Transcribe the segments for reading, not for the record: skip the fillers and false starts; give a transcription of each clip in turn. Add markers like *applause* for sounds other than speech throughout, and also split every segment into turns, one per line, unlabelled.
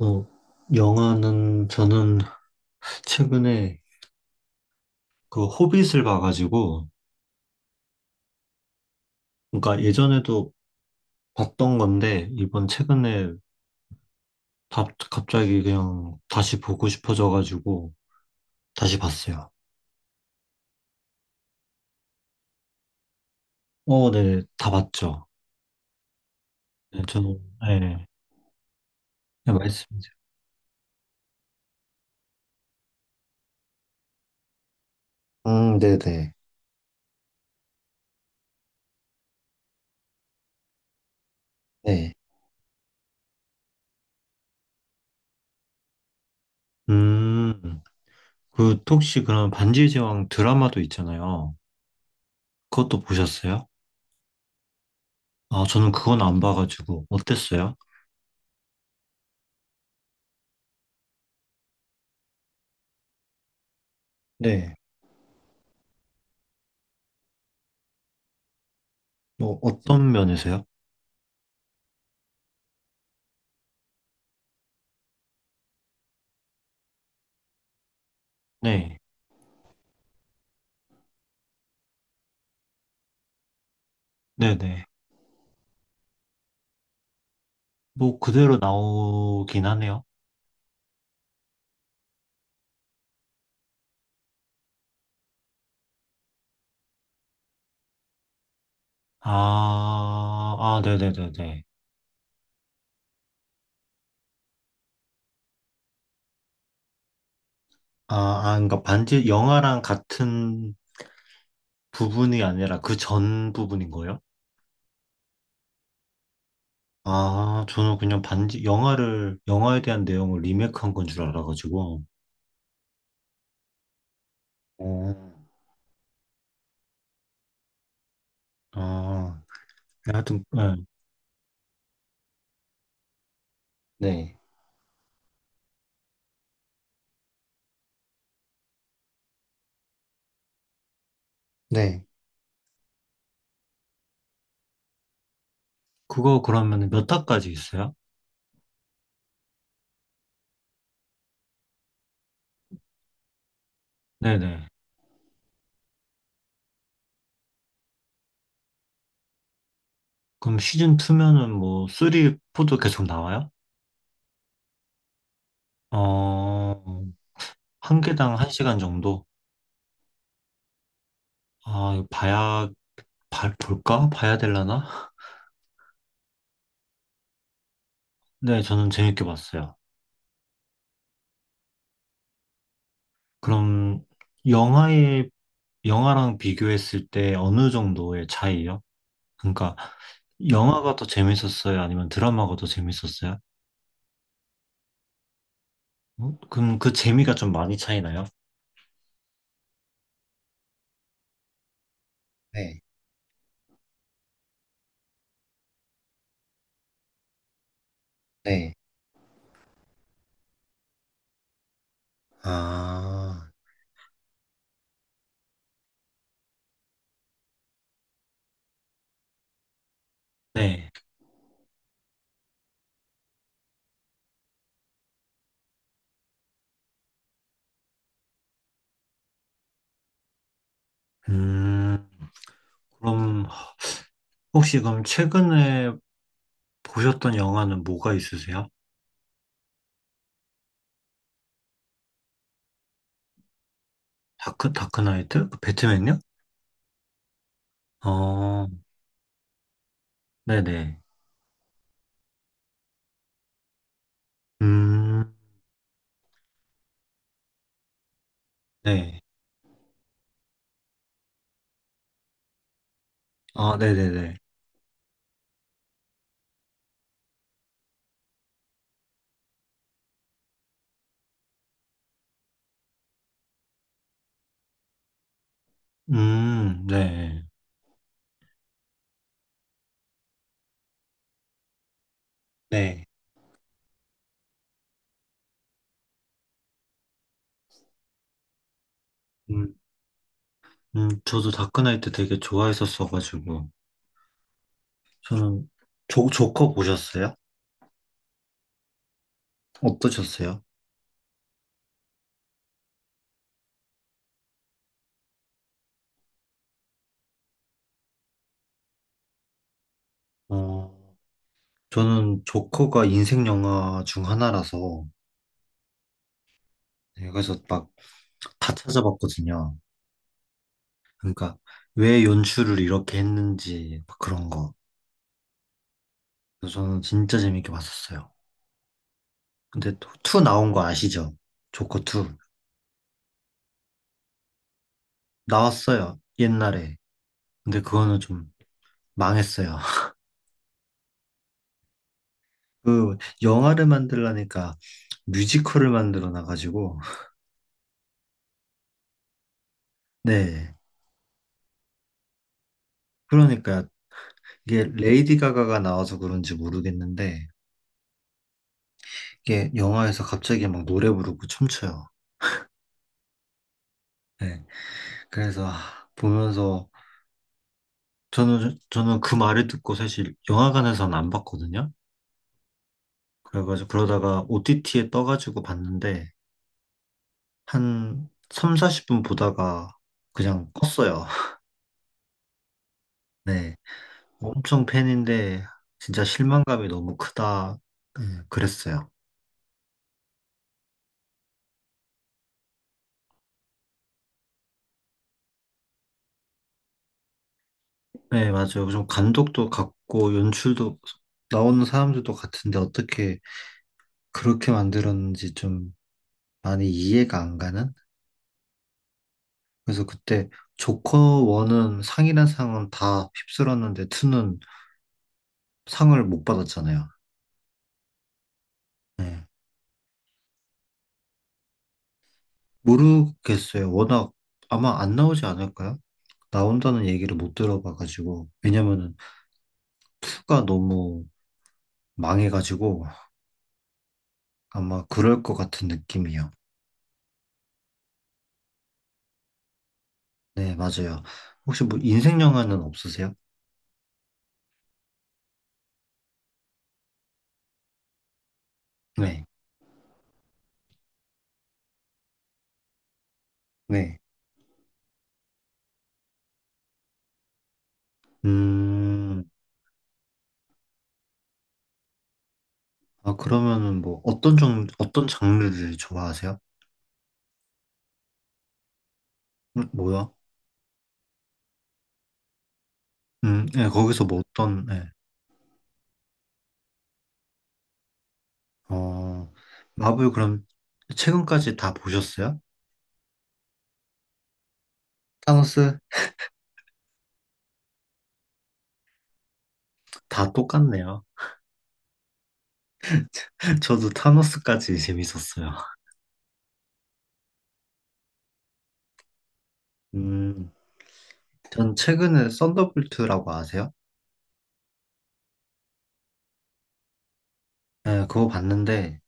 어, 영화는 저는 최근에 그 호빗을 봐가지고, 그러니까 예전에도 봤던 건데, 이번 최근에 갑자기 그냥 다시 보고 싶어져가지고, 다시 봤어요. 어, 네, 다 봤죠. 네, 저는, 네, 네, 말씀이세요. 네네. 네. 음, 그, 혹시 그럼 반지의 제왕 드라마도 있잖아요. 그것도 보셨어요? 아, 저는 그건 안 봐가지고, 어땠어요? 네. 뭐, 어떤 면에서요? 네. 네네. 뭐 그대로 나오긴 하네요. 아, 아, 네네네네. 아, 아, 그러니까 반지 영화랑 같은 부분이 아니라 그 전 부분인 거예요? 아, 저는 그냥 반지 영화를 영화에 대한 내용을 리메이크한 건 줄 알아가지고. 어, 아, 하여튼 네. 네. 네. 그거 그러면 몇 화까지 있어요? 네네. 그럼 시즌 2면은 뭐 3, 4도 계속 나와요? 어, 한 개당 한 시간 정도? 아, 이거 볼까? 봐야 되려나? 네, 저는 재밌게 봤어요. 그럼, 영화의, 영화랑 비교했을 때 어느 정도의 차이요? 그러니까, 영화가 더 재밌었어요? 아니면 드라마가 더 재밌었어요? 어? 그럼 그 재미가 좀 많이 차이나요? 네, 네. 아, 네. 음, 그럼, 혹시 그럼 최근에 보셨던 영화는 뭐가 있으세요? 다크나이트? 그 배트맨요? 어, 네네. 음, 네. 아, 네네네. 네. 네. 음, 저도 다크나이트 되게 좋아했었어가지고. 저는, 조커 보셨어요? 어떠셨어요? 어, 저는 조커가 인생 영화 중 하나라서, 네, 그래서 막 다 찾아봤거든요. 그러니까, 왜 연출을 이렇게 했는지, 막 그런 거. 그래서 저는 진짜 재밌게 봤었어요. 근데 또, 투 나온 거 아시죠? 조커 2. 나왔어요, 옛날에. 근데 그거는 좀 망했어요. 그 영화를 만들라니까 뮤지컬을 만들어 놔가지고. 네. 그러니까 이게 레이디 가가가 나와서 그런지 모르겠는데 이게 영화에서 갑자기 막 노래 부르고 춤춰요. 네. 그래서 아, 보면서 저는 그 말을 듣고 사실 영화관에서는 안 봤거든요. 그래가지고 그러다가 OTT에 떠가지고 봤는데 한 3, 40분 보다가 그냥 껐어요. *laughs* 네. 엄청 팬인데 진짜 실망감이 너무 크다. 네, 그랬어요. 네, 맞아요. 좀 감독도 같고 연출도 나오는 사람들도 같은데 어떻게 그렇게 만들었는지 좀 많이 이해가 안 가는? 그래서 그때 조커 1은 상이란 상은 다 휩쓸었는데 2는 상을 못 받았잖아요. 네. 모르겠어요. 워낙 아마 안 나오지 않을까요? 나온다는 얘기를 못 들어봐가지고, 왜냐면은 2가 너무 망해가지고 아마 그럴 것 같은 느낌이요. 네, 맞아요. 혹시 뭐 인생 영화는 없으세요? 네, 네. 음, 아, 그러면은 뭐 어떤 장르를 좋아하세요? 뭐야? 네, 거기서 뭐 어떤, 네. 어, 마블 그럼 최근까지 다 보셨어요? 타노스? 다 똑같네요. *laughs* 저도 타노스까지 재밌었어요. 음, 전 최근에 썬더볼트라고 아세요? 네, 그거 봤는데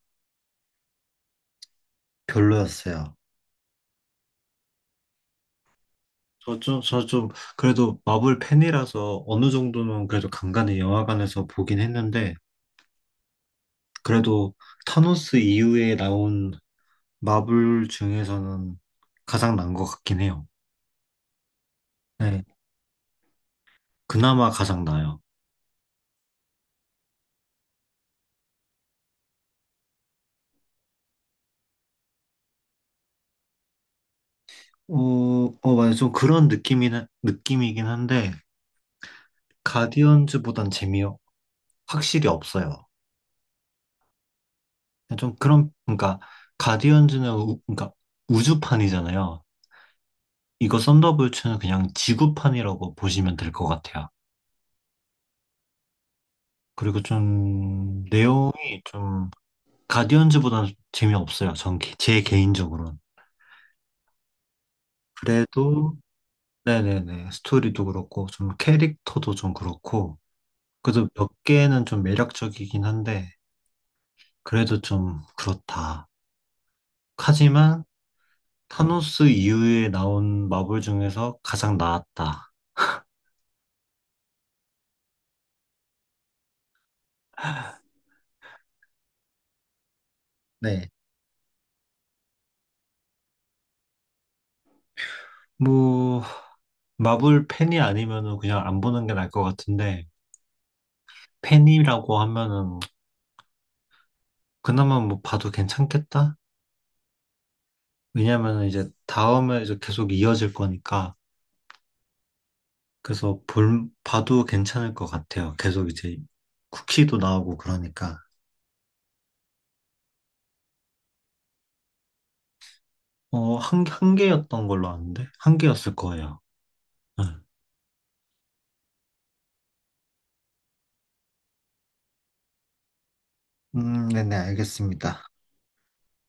별로였어요. 저 좀, 저 좀, 그래도 마블 팬이라서 어느 정도는 그래도 간간히 영화관에서 보긴 했는데, 그래도 타노스 이후에 나온 마블 중에서는 가장 난 것 같긴 해요. 네. 그나마 가장 나아요. 어, 어, 맞아요. 좀 그런 느낌이긴 한데, 가디언즈보단 재미 확실히 없어요. 네, 좀 그런, 그러니까, 가디언즈는, 그러니까, 우주판이잖아요. 이거 썬더볼츠는 그냥 지구판이라고 보시면 될 것 같아요. 그리고 좀 내용이 좀 가디언즈보다는 재미없어요. 전 제 개인적으로는. 그래도 네네네. 스토리도 그렇고 좀 캐릭터도 좀 그렇고 그래도 몇 개는 좀 매력적이긴 한데 그래도 좀 그렇다. 하지만 타노스 이후에 나온 마블 중에서 가장 나았다. 네. 뭐 마블 팬이 아니면은 그냥 안 보는 게 나을 것 같은데, 팬이라고 하면은 그나마 뭐 봐도 괜찮겠다? 왜냐면 이제 다음에 이제 계속 이어질 거니까. 그래서 볼 봐도 괜찮을 것 같아요. 계속 이제 쿠키도 나오고 그러니까. 어, 한 개였던 걸로 아는데 한 개였을 거예요. 네. 네네, 알겠습니다.